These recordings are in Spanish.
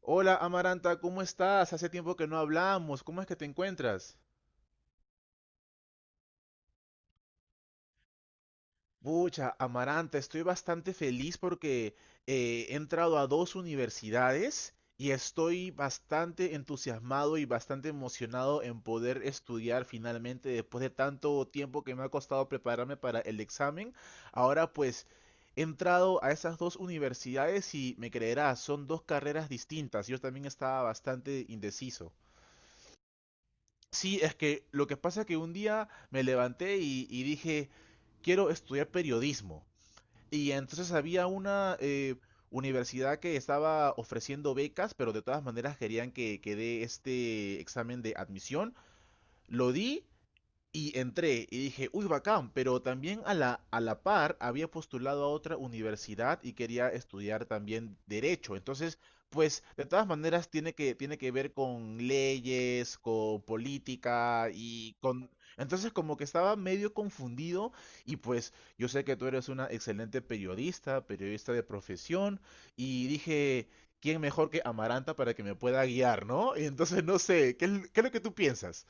Hola, Amaranta, ¿cómo estás? Hace tiempo que no hablamos, ¿cómo es que te encuentras? Pucha, Amaranta, estoy bastante feliz porque he entrado a dos universidades y estoy bastante entusiasmado y bastante emocionado en poder estudiar finalmente después de tanto tiempo que me ha costado prepararme para el examen. Ahora pues he entrado a esas dos universidades y, me creerás, son dos carreras distintas. Yo también estaba bastante indeciso. Sí, es que lo que pasa es que un día me levanté y dije, quiero estudiar periodismo. Y entonces había una universidad que estaba ofreciendo becas, pero de todas maneras querían que dé este examen de admisión. Lo di y entré y dije, uy, bacán, pero también a a la par había postulado a otra universidad y quería estudiar también derecho. Entonces, pues, de todas maneras tiene tiene que ver con leyes, con política y con... Entonces, como que estaba medio confundido y pues yo sé que tú eres una excelente periodista, periodista de profesión, y dije, ¿quién mejor que Amaranta para que me pueda guiar, ¿no? Y entonces, no sé, ¿qué es lo que tú piensas?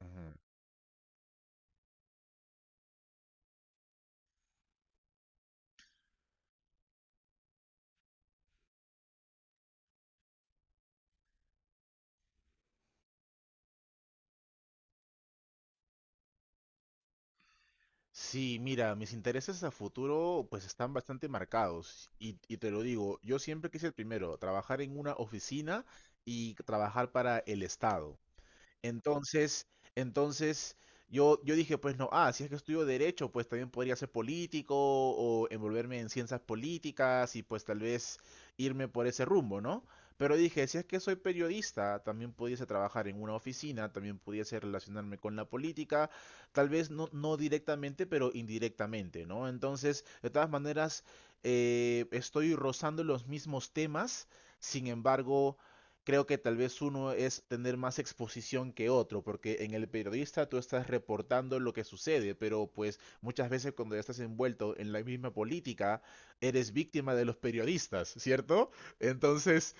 Ujú. Sí, mira, mis intereses a futuro pues están bastante marcados y te lo digo, yo siempre quise primero trabajar en una oficina y trabajar para el Estado. Entonces, entonces, yo dije, pues no, ah, si es que estudio derecho, pues también podría ser político o envolverme en ciencias políticas y pues tal vez irme por ese rumbo, ¿no? Pero dije, si es que soy periodista, también pudiese trabajar en una oficina, también pudiese relacionarme con la política, tal vez no directamente, pero indirectamente, ¿no? Entonces, de todas maneras, estoy rozando los mismos temas, sin embargo, creo que tal vez uno es tener más exposición que otro, porque en el periodista tú estás reportando lo que sucede, pero pues muchas veces cuando ya estás envuelto en la misma política, eres víctima de los periodistas, ¿cierto? Entonces,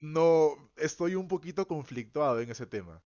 no, estoy un poquito conflictuado en ese tema.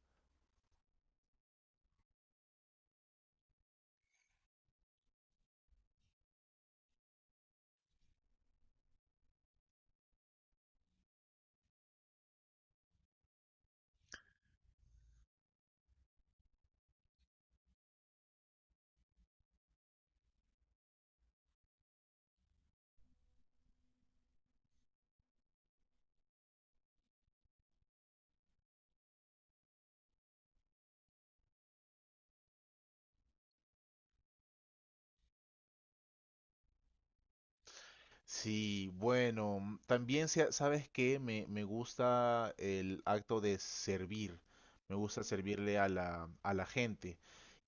Sí, bueno, mm, también sabes que me gusta el acto de servir, me gusta servirle a a la gente.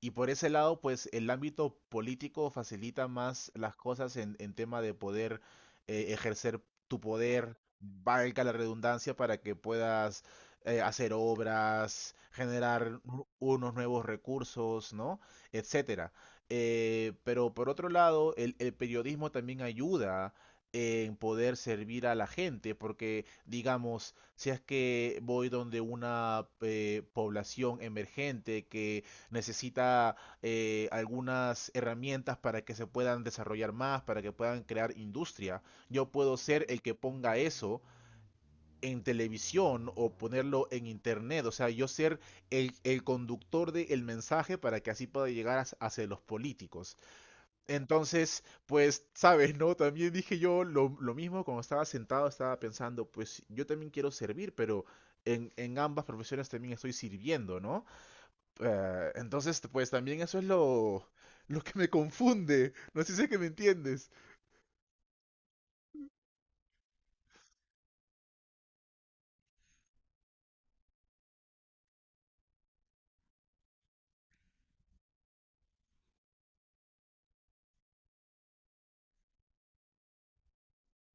Y por ese lado, pues el ámbito político facilita más las cosas en tema de poder ejercer tu poder, valga la redundancia, para que puedas hacer obras, generar unos nuevos recursos, ¿no? Etcétera. Pero por otro lado, el periodismo también ayuda en poder servir a la gente, porque digamos, si es que voy donde una población emergente que necesita algunas herramientas para que se puedan desarrollar más, para que puedan crear industria, yo puedo ser el que ponga eso en televisión o ponerlo en internet, o sea, yo ser el conductor del mensaje para que así pueda llegar hacia los políticos. Entonces, pues, sabes, ¿no? También dije yo lo mismo cuando estaba sentado, estaba pensando, pues yo también quiero servir, pero en ambas profesiones también estoy sirviendo, ¿no? Entonces, pues también eso es lo que me confunde. No sé si es que me entiendes.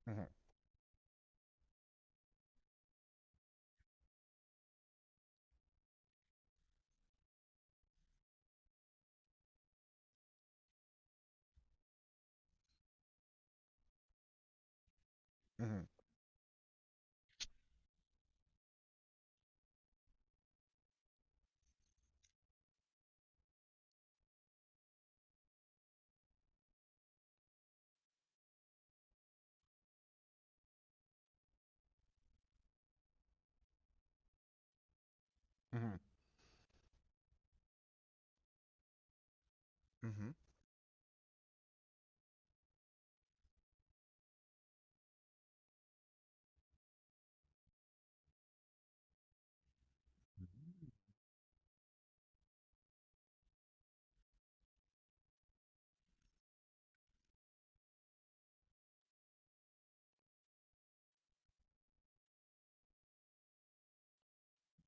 Ujú, ujú, ujú, ujú,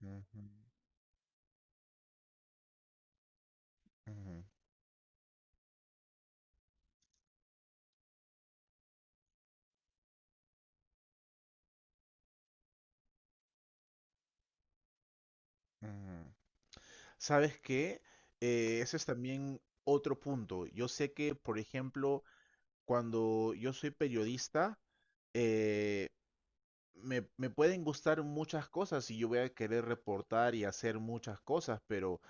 ujú, ujú, ujú. ¿Sabes qué? Ese es también otro punto. Yo sé que, por ejemplo, cuando yo soy periodista, eh, me pueden gustar muchas cosas y yo voy a querer reportar y hacer muchas cosas, pero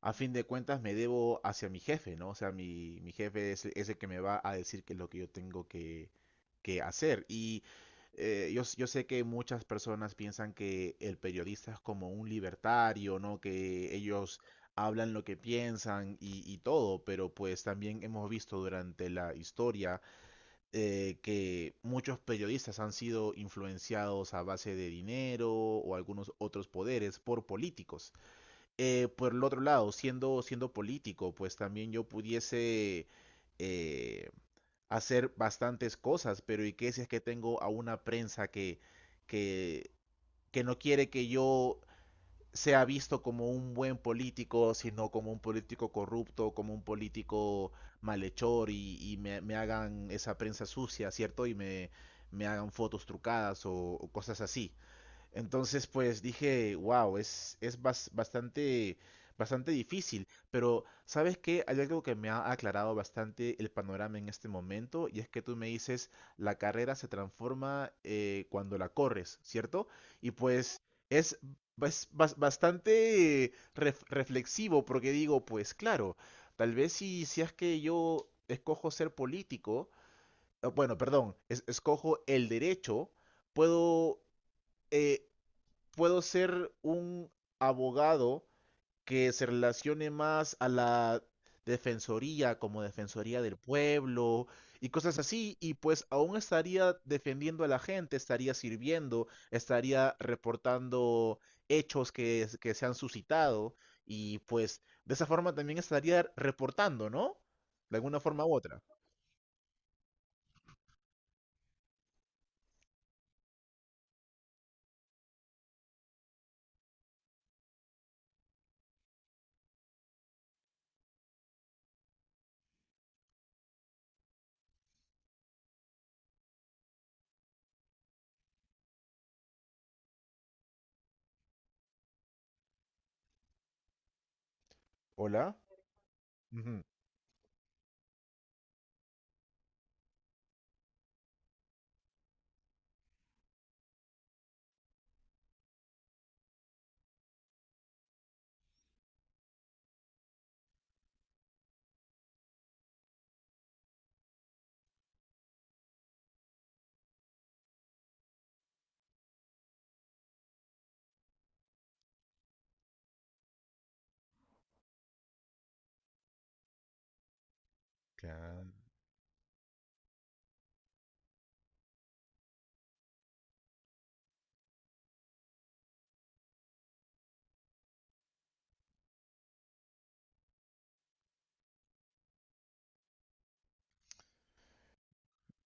a fin de cuentas me debo hacia mi jefe, ¿no? O sea, mi jefe es, es el que me va a decir qué es lo que yo tengo que hacer. Y yo sé que muchas personas piensan que el periodista es como un libertario, ¿no? Que ellos hablan lo que piensan y todo, pero pues también hemos visto durante la historia que muchos periodistas han sido influenciados a base de dinero o algunos otros poderes por políticos. Por el otro lado, siendo político, pues también yo pudiese eh, hacer bastantes cosas, pero ¿y qué si es que tengo a una prensa que, que no quiere que yo sea visto como un buen político, sino como un político corrupto, como un político malhechor y me hagan esa prensa sucia, ¿cierto? Y me hagan fotos trucadas o cosas así. Entonces, pues dije, wow, es bastante, bastante difícil. Pero, ¿sabes qué? Hay algo que me ha aclarado bastante el panorama en este momento, y es que tú me dices, la carrera se transforma cuando la corres, ¿cierto? Y pues es, bastante reflexivo, porque digo, pues claro, tal vez si es que yo escojo ser político, bueno, perdón, escojo el derecho, puedo eh, puedo ser un abogado que se relacione más a la defensoría, como defensoría del pueblo y cosas así, y pues aún estaría defendiendo a la gente, estaría sirviendo, estaría reportando hechos que se han suscitado y pues de esa forma también estaría reportando, ¿no? De alguna forma u otra. Hola. Ujú. Claro.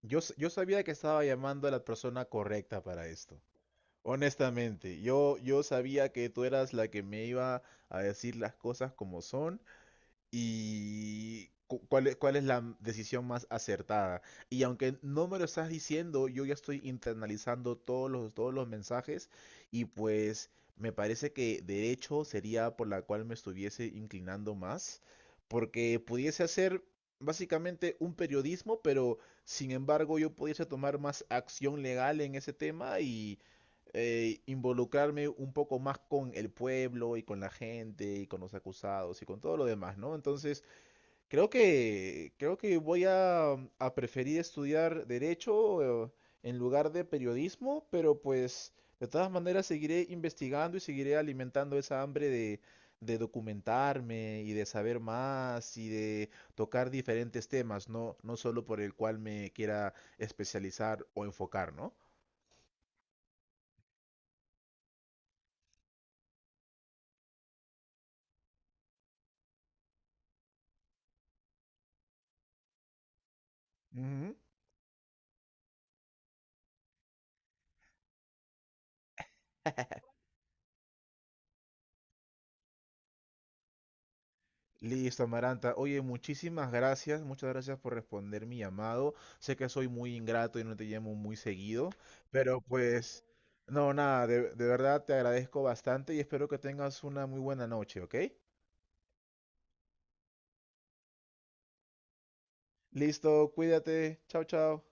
Yo sabía que estaba llamando a la persona correcta para esto. Honestamente, yo sabía que tú eras la que me iba a decir las cosas como son y cuál es la decisión más acertada. Y aunque no me lo estás diciendo, yo ya estoy internalizando todos los mensajes y pues me parece que derecho sería por la cual me estuviese inclinando más, porque pudiese hacer básicamente un periodismo, pero sin embargo yo pudiese tomar más acción legal en ese tema y involucrarme un poco más con el pueblo y con la gente y con los acusados y con todo lo demás, ¿no? Entonces, creo que voy a, mm, a preferir estudiar derecho en lugar de periodismo, pero pues de todas maneras seguiré investigando y seguiré alimentando esa hambre de documentarme y de saber más y de tocar diferentes temas, no solo por el cual me quiera especializar o enfocar, ¿no? Ujú. Listo, Amaranta. Oye, muchísimas gracias, muchas gracias por responder mi llamado. Sé que soy muy ingrato y no te llamo muy seguido, pero pues, no, nada, de verdad te agradezco bastante y espero que tengas una muy buena noche, ¿ok? Listo, cuídate. Chao, chao.